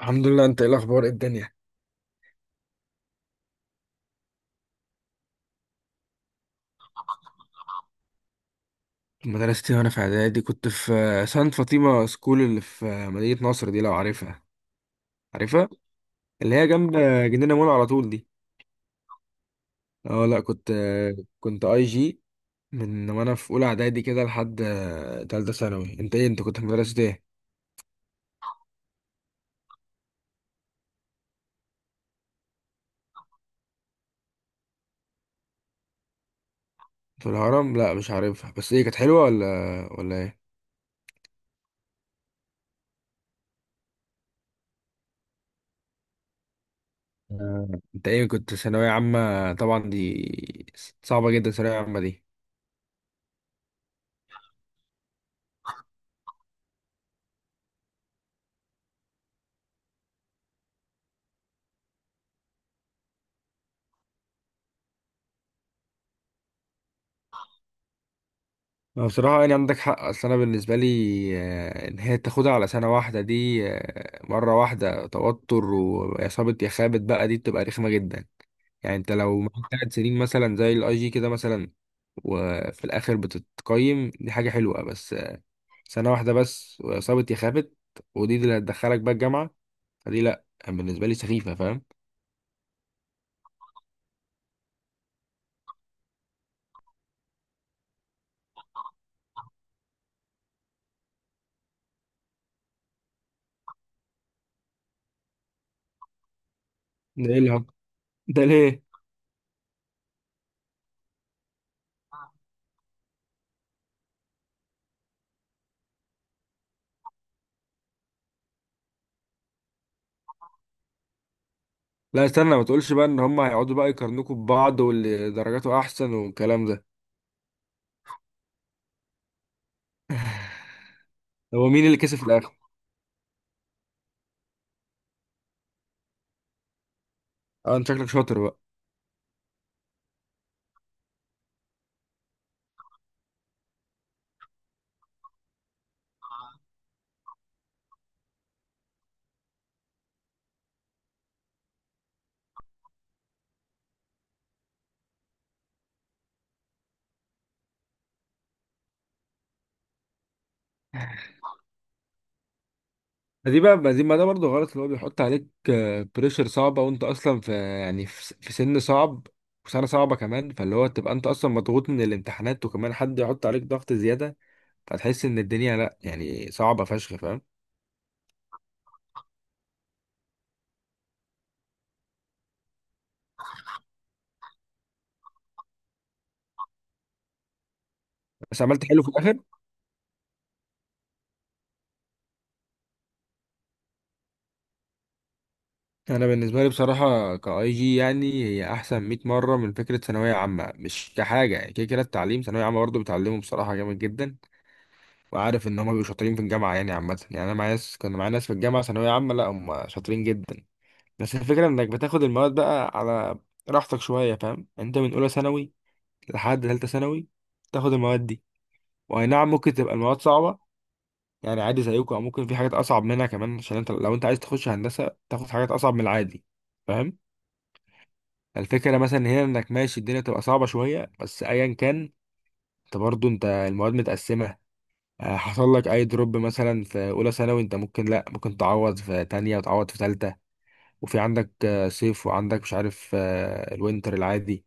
الحمد لله. انت ايه الاخبار؟ ايه الدنيا؟ مدرستي وانا في اعدادي كنت في سانت فاطمه سكول، اللي في مدينه نصر دي، لو عارفها. عارفها، اللي هي جنب جنينه مول على طول دي. اه، لا كنت اي جي من وانا في اولى اعدادي كده لحد تالتة ثانوي. انت ايه؟ انت كنت في مدرسه ايه؟ في الهرم؟ لا مش عارفها. بس ايه، كانت حلوه ولا؟ ولا ايه؟ آه. انت ايه كنت ثانويه عامه؟ طبعا دي صعبه جدا، ثانويه عامه دي. ما بصراحة يعني عندك حق. أصل أنا بالنسبة لي إن هي تاخدها على سنة واحدة دي مرة واحدة، توتر وإصابة يا خابت بقى، دي بتبقى رخمة جدا. يعني أنت لو معاك 3 سنين مثلا زي الأي جي كده مثلا، وفي الآخر بتتقيم، دي حاجة حلوة. بس سنة واحدة بس وإصابة يا خابت، ودي اللي هتدخلك بقى الجامعة، فدي لأ، يعني بالنسبة لي سخيفة. فاهم؟ ده إيه الهبل ده؟ ليه؟ لا استنى، ما تقولش بقى إن هما هيقعدوا بقى يقارنوكوا ببعض، واللي درجاته أحسن والكلام ده. هو مين اللي كسب في الآخر؟ اه، انت شكلك شاطر بقى. ما ده برضه غلط، اللي هو بيحط عليك بريشر صعبة، وانت اصلا في، يعني في سن صعب وسنة صعبة كمان، فاللي هو تبقى انت اصلا مضغوط من الامتحانات وكمان حد يحط عليك ضغط زيادة، فتحس ان الدنيا لا يعني صعبة فشخ. فاهم؟ بس عملت حلو في الاخر. انا بالنسبة لي بصراحة كاي جي يعني هي احسن 100 مرة من فكرة ثانوية عامة. مش كحاجة يعني، كده كده التعليم ثانوية عامة برضه بتعلمه بصراحة جامد جدا، وعارف ان هم بيبقوا شاطرين في الجامعه يعني. عامه يعني انا معايا ناس، كان معايا ناس في الجامعه ثانويه عامه، لا هم شاطرين جدا. بس الفكره انك بتاخد المواد بقى على راحتك شويه. فاهم؟ انت من اولى ثانوي لحد ثالثه ثانوي تاخد المواد دي، واي نعم ممكن تبقى المواد صعبه يعني عادي زيكم، او ممكن في حاجات اصعب منها كمان، عشان انت لو انت عايز تخش هندسه تاخد حاجات اصعب من العادي. فاهم؟ الفكره مثلا هنا انك ماشي، الدنيا تبقى صعبه شويه، بس ايا كان انت برضه، انت المواد متقسمه. حصل لك اي دروب مثلا في اولى ثانوي، انت ممكن، لا ممكن تعوض في تانية وتعوض في تالتة. وفي عندك صيف، وعندك مش عارف الوينتر العادي.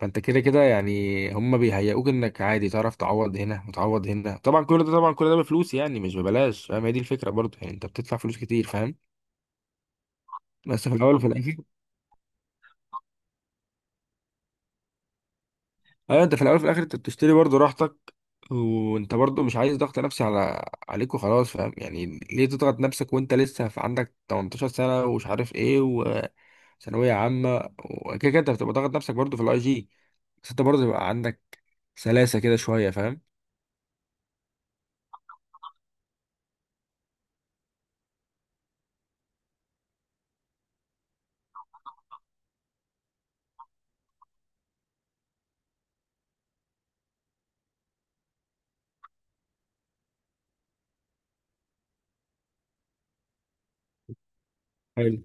فانت كده كده يعني هم بيهيئوك انك عادي تعرف تعوض هنا وتعوض هنا. طبعا كل ده، طبعا كل ده بفلوس، يعني مش ببلاش. فاهم؟ هي دي الفكرة برضه، يعني انت بتدفع فلوس كتير. فاهم؟ بس في الاول وفي الاخر، ايوه انت في الاول وفي الاخر انت بتشتري برضه راحتك، وانت برضه مش عايز ضغط نفسي على عليك وخلاص. فاهم يعني؟ ليه تضغط نفسك وانت لسه في عندك 18 سنه ومش عارف ايه وثانويه عامه؟ وكده كده انت بتبقى ضاغط نفسك برضه في الاي جي، بس انت برضه يبقى عندك سلاسه كده شويه. فاهم؟ حلو.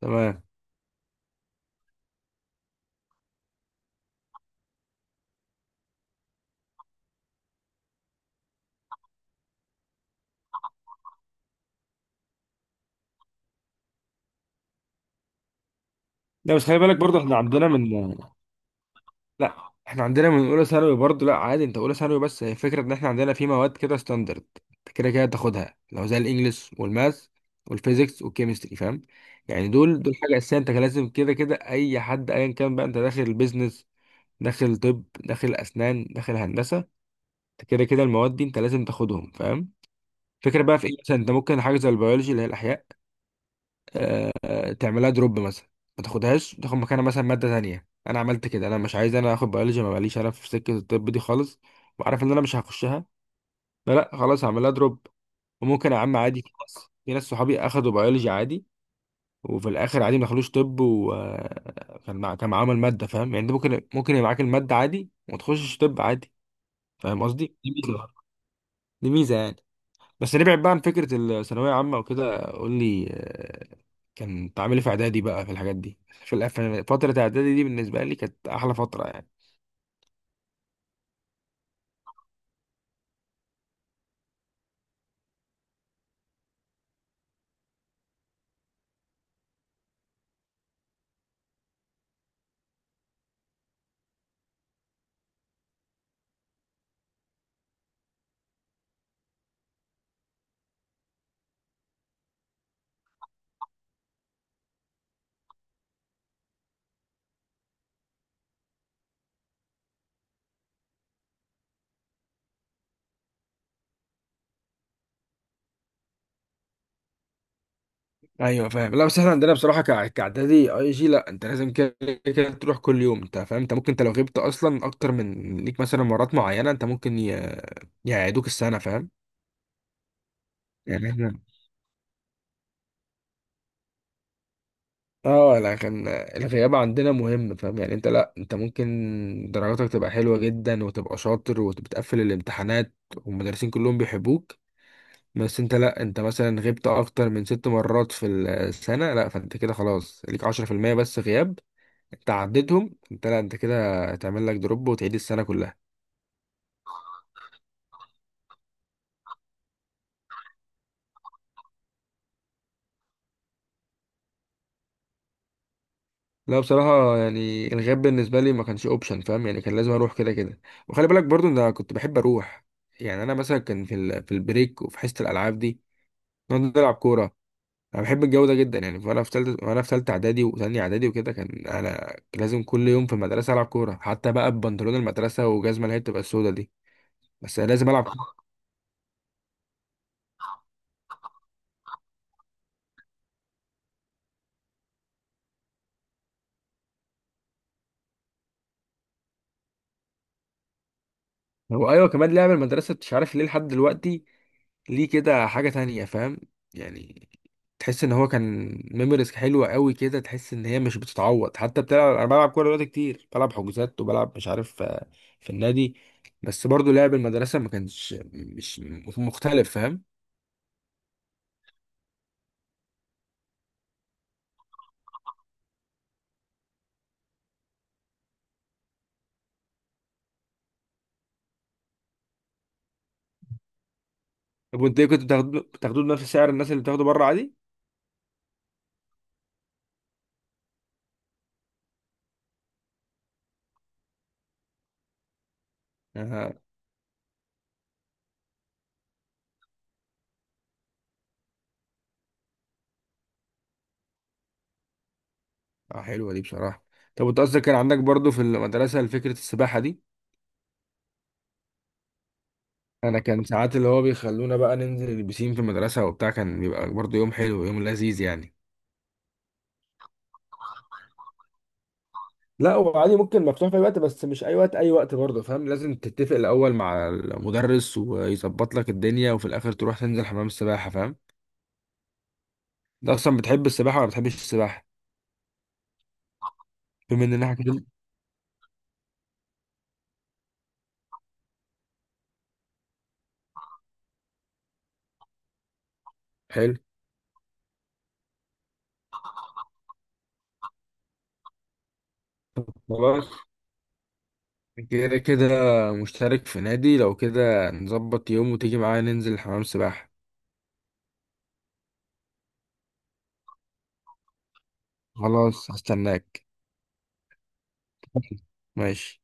تمام. لا بس خلي بالك برضه، احنا عندنا من، لا احنا عندنا من اولى ثانوي برضه، لا عادي انت اولى ثانوي. بس هي فكره ان احنا عندنا في مواد كده ستاندرد، انت كده كده تاخدها، لو زي الانجليش والماث والفيزيكس والكيمستري. فاهم؟ يعني دول دول حاجه اساسيه، انت كان لازم كده كده اي حد ايا كان بقى، انت داخل البيزنس، داخل طب، داخل اسنان، داخل هندسه، انت كده كده المواد دي انت لازم تاخدهم. فاهم؟ فكره بقى في ايه، مثلا انت ممكن حاجه زي البيولوجي اللي هي الاحياء، تعملها دروب مثلا، ما تاخدهاش، تاخد مكانها مثلا ماده تانية. انا عملت كده، انا مش عايز انا اخد بيولوجي، ما بقاليش انا في سكه الطب دي خالص، وعارف ان انا مش هخشها. لا لا، خلاص هعملها دروب. وممكن يا عم عادي، في ناس صحابي اخدوا بيولوجي عادي، وفي الاخر عادي ما دخلوش طب، وكان مع... كان معاهم الماده. فاهم يعني؟ انت ممكن يبقى معاك الماده عادي وما تخشش طب عادي. فاهم قصدي؟ دي ميزه، دي ميزه يعني. بس نبعد بقى عن فكرة الثانوية عامة وكده. قول لي، كان تعاملي في إعدادي بقى في الحاجات دي، في فترة إعدادي دي، بالنسبة لي كانت أحلى فترة يعني. أيوه فاهم. لا بس إحنا عندنا بصراحة، كإعدادي أي جي، لا أنت لازم كده كده تروح كل يوم، أنت فاهم؟ أنت ممكن، أنت لو غبت أصلا أكتر من ليك مثلا مرات معينة، أنت ممكن يعيدوك السنة. فاهم؟ يعني إحنا، اه لا، كان الغياب عندنا مهم. فاهم يعني؟ انت لا، انت ممكن درجاتك تبقى حلوة جدا وتبقى شاطر وبتقفل الامتحانات والمدرسين كلهم بيحبوك، بس انت لا، انت مثلا غبت اكتر من ست مرات في السنة، لا فانت كده خلاص ليك 10% بس غياب، انت عديتهم، انت لا، انت كده هتعمل لك دروب وتعيد السنة كلها. لا بصراحة يعني الغياب بالنسبة لي ما كانش اوبشن. فاهم يعني؟ كان لازم اروح كده كده. وخلي بالك برضو ان انا كنت بحب اروح. يعني انا مثلا كان في البريك وفي حصة الالعاب دي، نقعد نلعب كورة. انا بحب الجو ده جدا يعني. فانا في ثالثه، وانا في ثالثه اعدادي وثانيه اعدادي وكده، كان انا لازم كل يوم في المدرسه العب كوره، حتى بقى ببنطلون المدرسه وجزمه اللي هي بتبقى السودا دي، بس أنا لازم العب كوره. هو ايوه، كمان لعب المدرسه مش عارف ليه لحد دلوقتي ليه كده حاجه تانية. فاهم يعني؟ تحس ان هو كان ميموريز حلوه قوي كده، تحس ان هي مش بتتعوض. حتى بتلعب، انا بلعب كوره دلوقتي كتير، بلعب حجوزات، وبلعب مش عارف في النادي، بس برضو لعب المدرسه ما كانش مش مختلف. فاهم؟ طب وانت إيه كنت بتاخدوه بنفس سعر الناس اللي بتاخده بره عادي؟ اه. حلوه دي بصراحه. طب وانت قصدك كان عندك برضو في المدرسه فكره السباحه دي؟ انا كان ساعات اللي هو بيخلونا بقى ننزل البسين في المدرسه وبتاع، كان بيبقى برضه يوم حلو، يوم لذيذ يعني. لا، وعادي ممكن مفتوح في اي وقت، بس مش اي وقت اي وقت برضه، فاهم؟ لازم تتفق الاول مع المدرس ويظبط لك الدنيا، وفي الاخر تروح تنزل حمام السباحه. فاهم؟ انت اصلا بتحب السباحه ولا بتحبش السباحه؟ بما اننا كده، حلو خلاص، كده كده مشترك في نادي، لو كده نظبط يوم وتيجي معايا ننزل حمام السباحه. خلاص، هستناك. ماشي.